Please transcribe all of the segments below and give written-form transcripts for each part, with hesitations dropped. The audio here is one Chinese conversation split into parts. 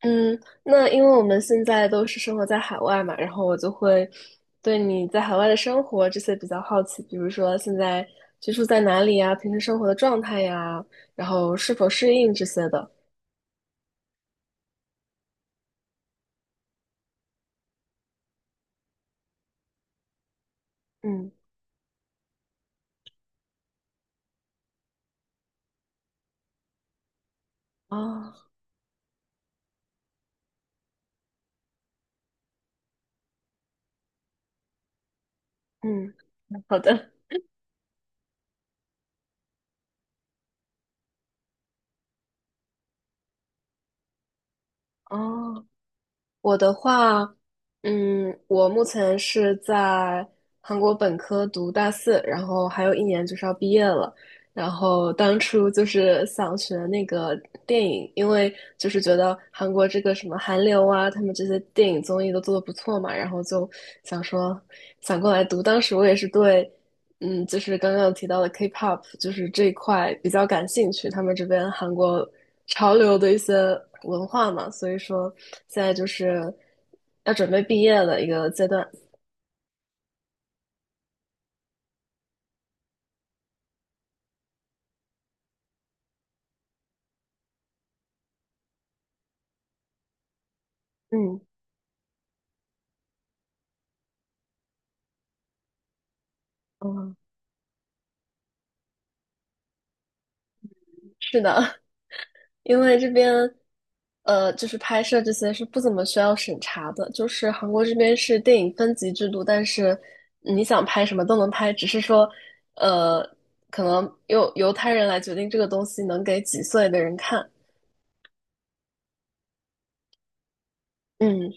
嗯，那因为我们现在都是生活在海外嘛，然后我就会对你在海外的生活这些比较好奇，比如说现在居住在哪里呀，平时生活的状态呀，然后是否适应这些的。嗯，哦，嗯，好的，哦。我的话，我目前是在韩国本科读大四，然后还有一年就是要毕业了。然后当初就是想学那个电影，因为就是觉得韩国这个什么韩流啊，他们这些电影综艺都做的不错嘛，然后就想说想过来读。当时我也是对。就是刚刚有提到的 K-pop，就是这一块比较感兴趣，他们这边韩国潮流的一些文化嘛，所以说现在就是要准备毕业的一个阶段。嗯，嗯，是的，因为这边就是拍摄这些是不怎么需要审查的，就是韩国这边是电影分级制度，但是你想拍什么都能拍，只是说呃，可能由他人来决定这个东西能给几岁的人看。嗯。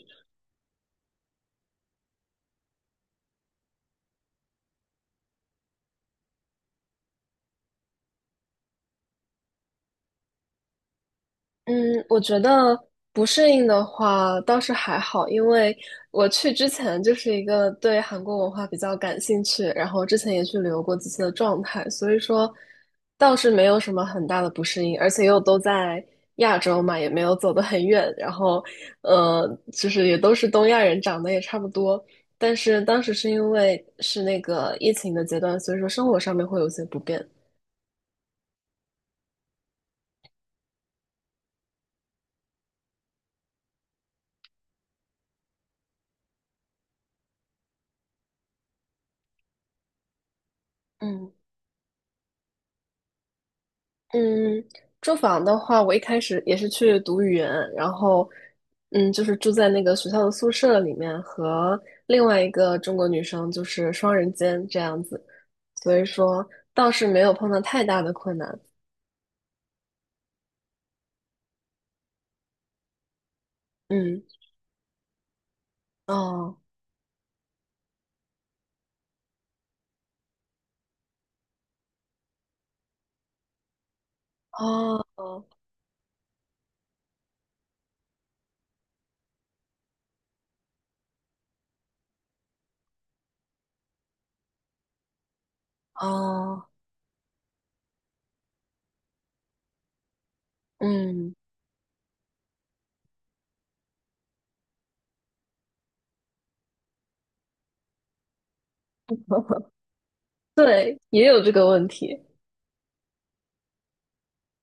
嗯，我觉得不适应的话倒是还好，因为我去之前就是一个对韩国文化比较感兴趣，然后之前也去旅游过几次的状态，所以说倒是没有什么很大的不适应，而且又都在亚洲嘛，也没有走得很远，然后就是也都是东亚人，长得也差不多，但是当时是因为是那个疫情的阶段，所以说生活上面会有些不便。嗯。嗯，住房的话，我一开始也是去读语言，然后，就是住在那个学校的宿舍里面，和另外一个中国女生就是双人间这样子，所以说倒是没有碰到太大的困难。嗯，哦，哦，哦，嗯，对，也有这个问题。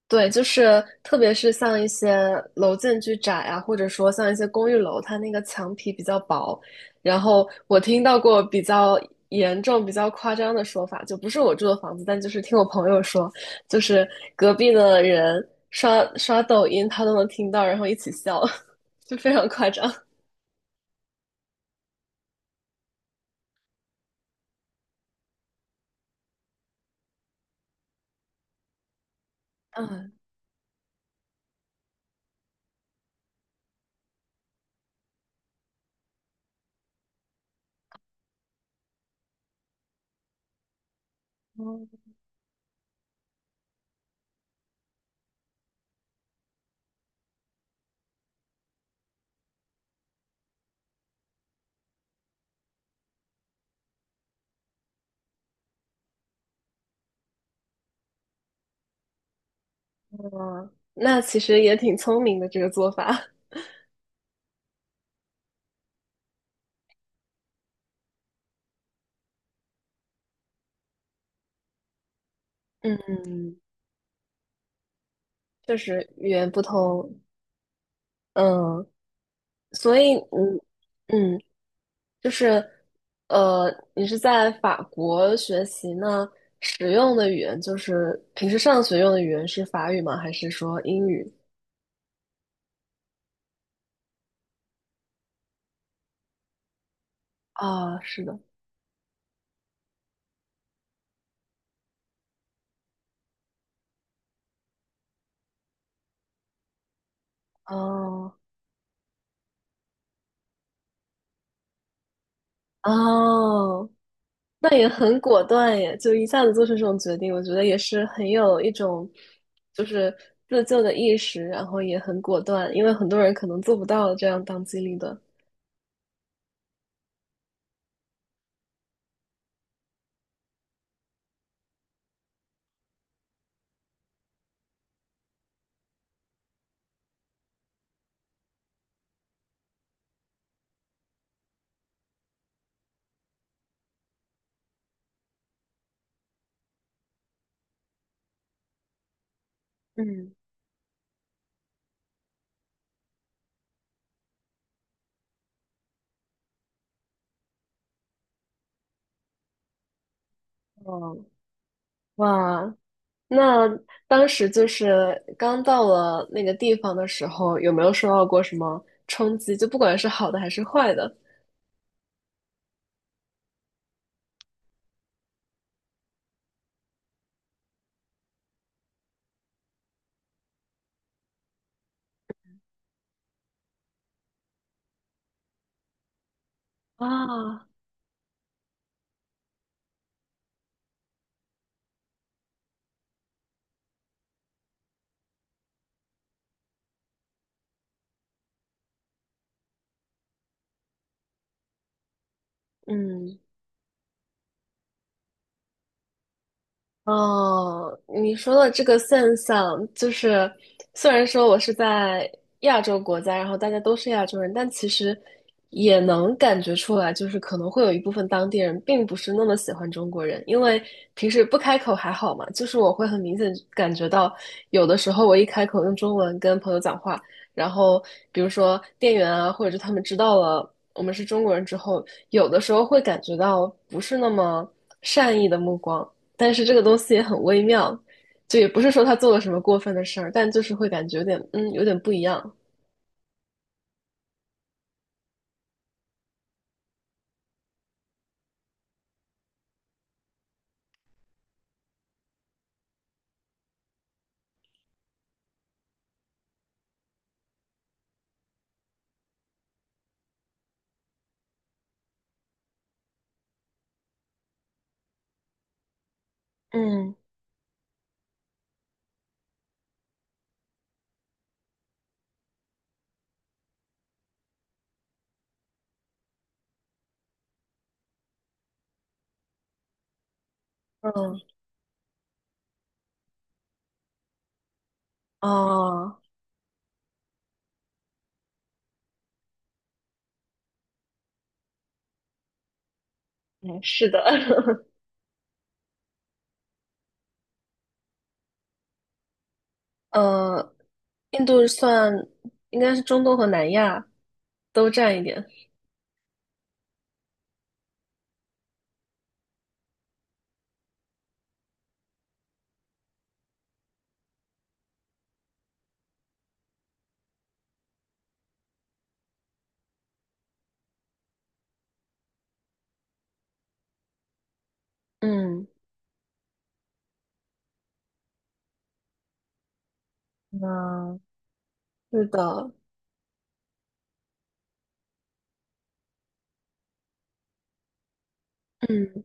对，就是特别是像一些楼间距窄啊，或者说像一些公寓楼，它那个墙皮比较薄。然后我听到过比较严重、比较夸张的说法，就不是我住的房子，但就是听我朋友说，就是隔壁的人刷刷抖音，他都能听到，然后一起笑，就非常夸张。嗯，哦，那其实也挺聪明的这个做法，嗯，确实语言不通。嗯，所以。嗯，就是，呃，你是在法国学习呢，使用的语言就是平时上学用的语言是法语吗？还是说英语？啊，是的，哦哦，那也很果断耶，就一下子做出这种决定，我觉得也是很有一种就是自救的意识，然后也很果断，因为很多人可能做不到这样当机立断。嗯，哦，哇，那当时就是刚到了那个地方的时候，有没有受到过什么冲击？就不管是好的还是坏的啊，嗯哦，你说的这个现象，就是虽然说我是在亚洲国家，然后大家都是亚洲人，但其实也能感觉出来，就是可能会有一部分当地人并不是那么喜欢中国人，因为平时不开口还好嘛，就是我会很明显感觉到，有的时候我一开口用中文跟朋友讲话，然后比如说店员啊，或者是他们知道了我们是中国人之后，有的时候会感觉到不是那么善意的目光。但是这个东西也很微妙，就也不是说他做了什么过分的事儿，但就是会感觉有点，有点不一样。嗯嗯，哦，嗯，是的，呃，印度算应该是中东和南亚都占一点。嗯那，是的，嗯。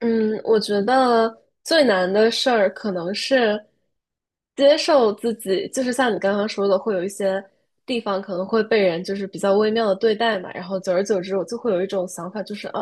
嗯，我觉得最难的事儿可能是接受自己，就是像你刚刚说的，会有一些地方可能会被人就是比较微妙的对待嘛，然后久而久之，我就会有一种想法，就是啊，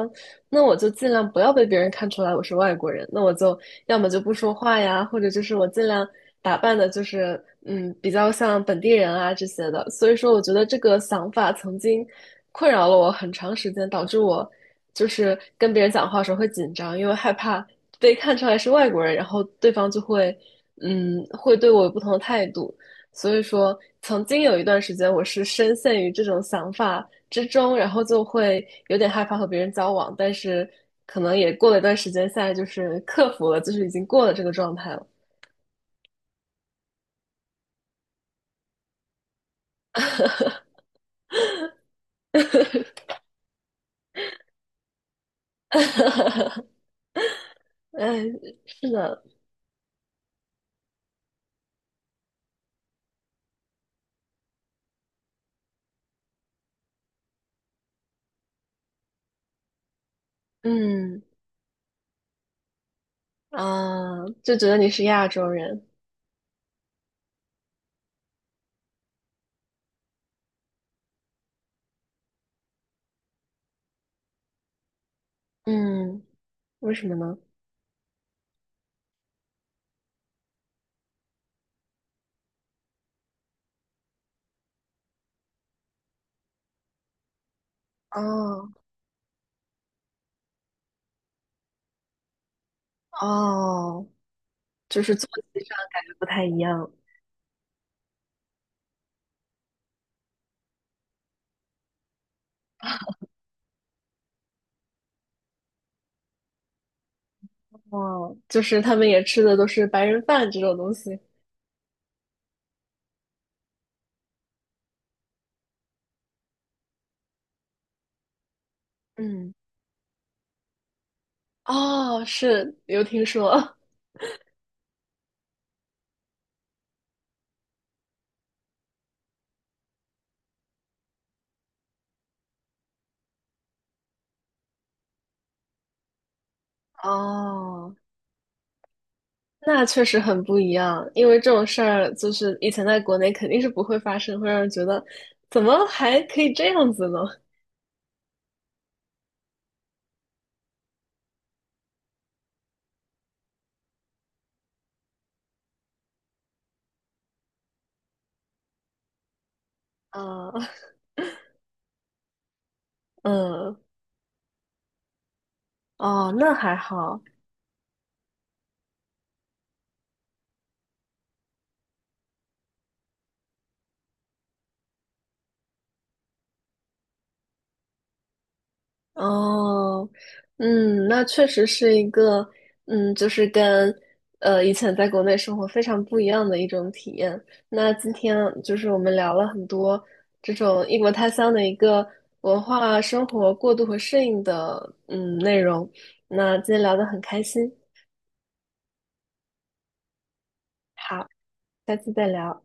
那我就尽量不要被别人看出来我是外国人，那我就要么就不说话呀，或者就是我尽量打扮的，就是比较像本地人啊这些的。所以说，我觉得这个想法曾经，困扰了我很长时间，导致我就是跟别人讲话的时候会紧张，因为害怕被看出来是外国人，然后对方就会对我有不同的态度。所以说，曾经有一段时间我是深陷于这种想法之中，然后就会有点害怕和别人交往，但是可能也过了一段时间，现在就是克服了，就是已经过了这个状态了。嗯，是的，嗯啊，就觉得你是亚洲人，嗯。为什么呢？哦哦，就是作息上感觉不太一样。哦，就是他们也吃的都是白人饭这种东西。嗯，哦，是有听说。哦，那确实很不一样，因为这种事儿就是以前在国内肯定是不会发生，会让人觉得怎么还可以这样子呢？啊、嗯，哦，那还好。哦，嗯，那确实是一个，就是跟以前在国内生活非常不一样的一种体验。那今天就是我们聊了很多这种异国他乡的一个文化生活过渡和适应的内容。那今天聊得很开心，好，下次再聊。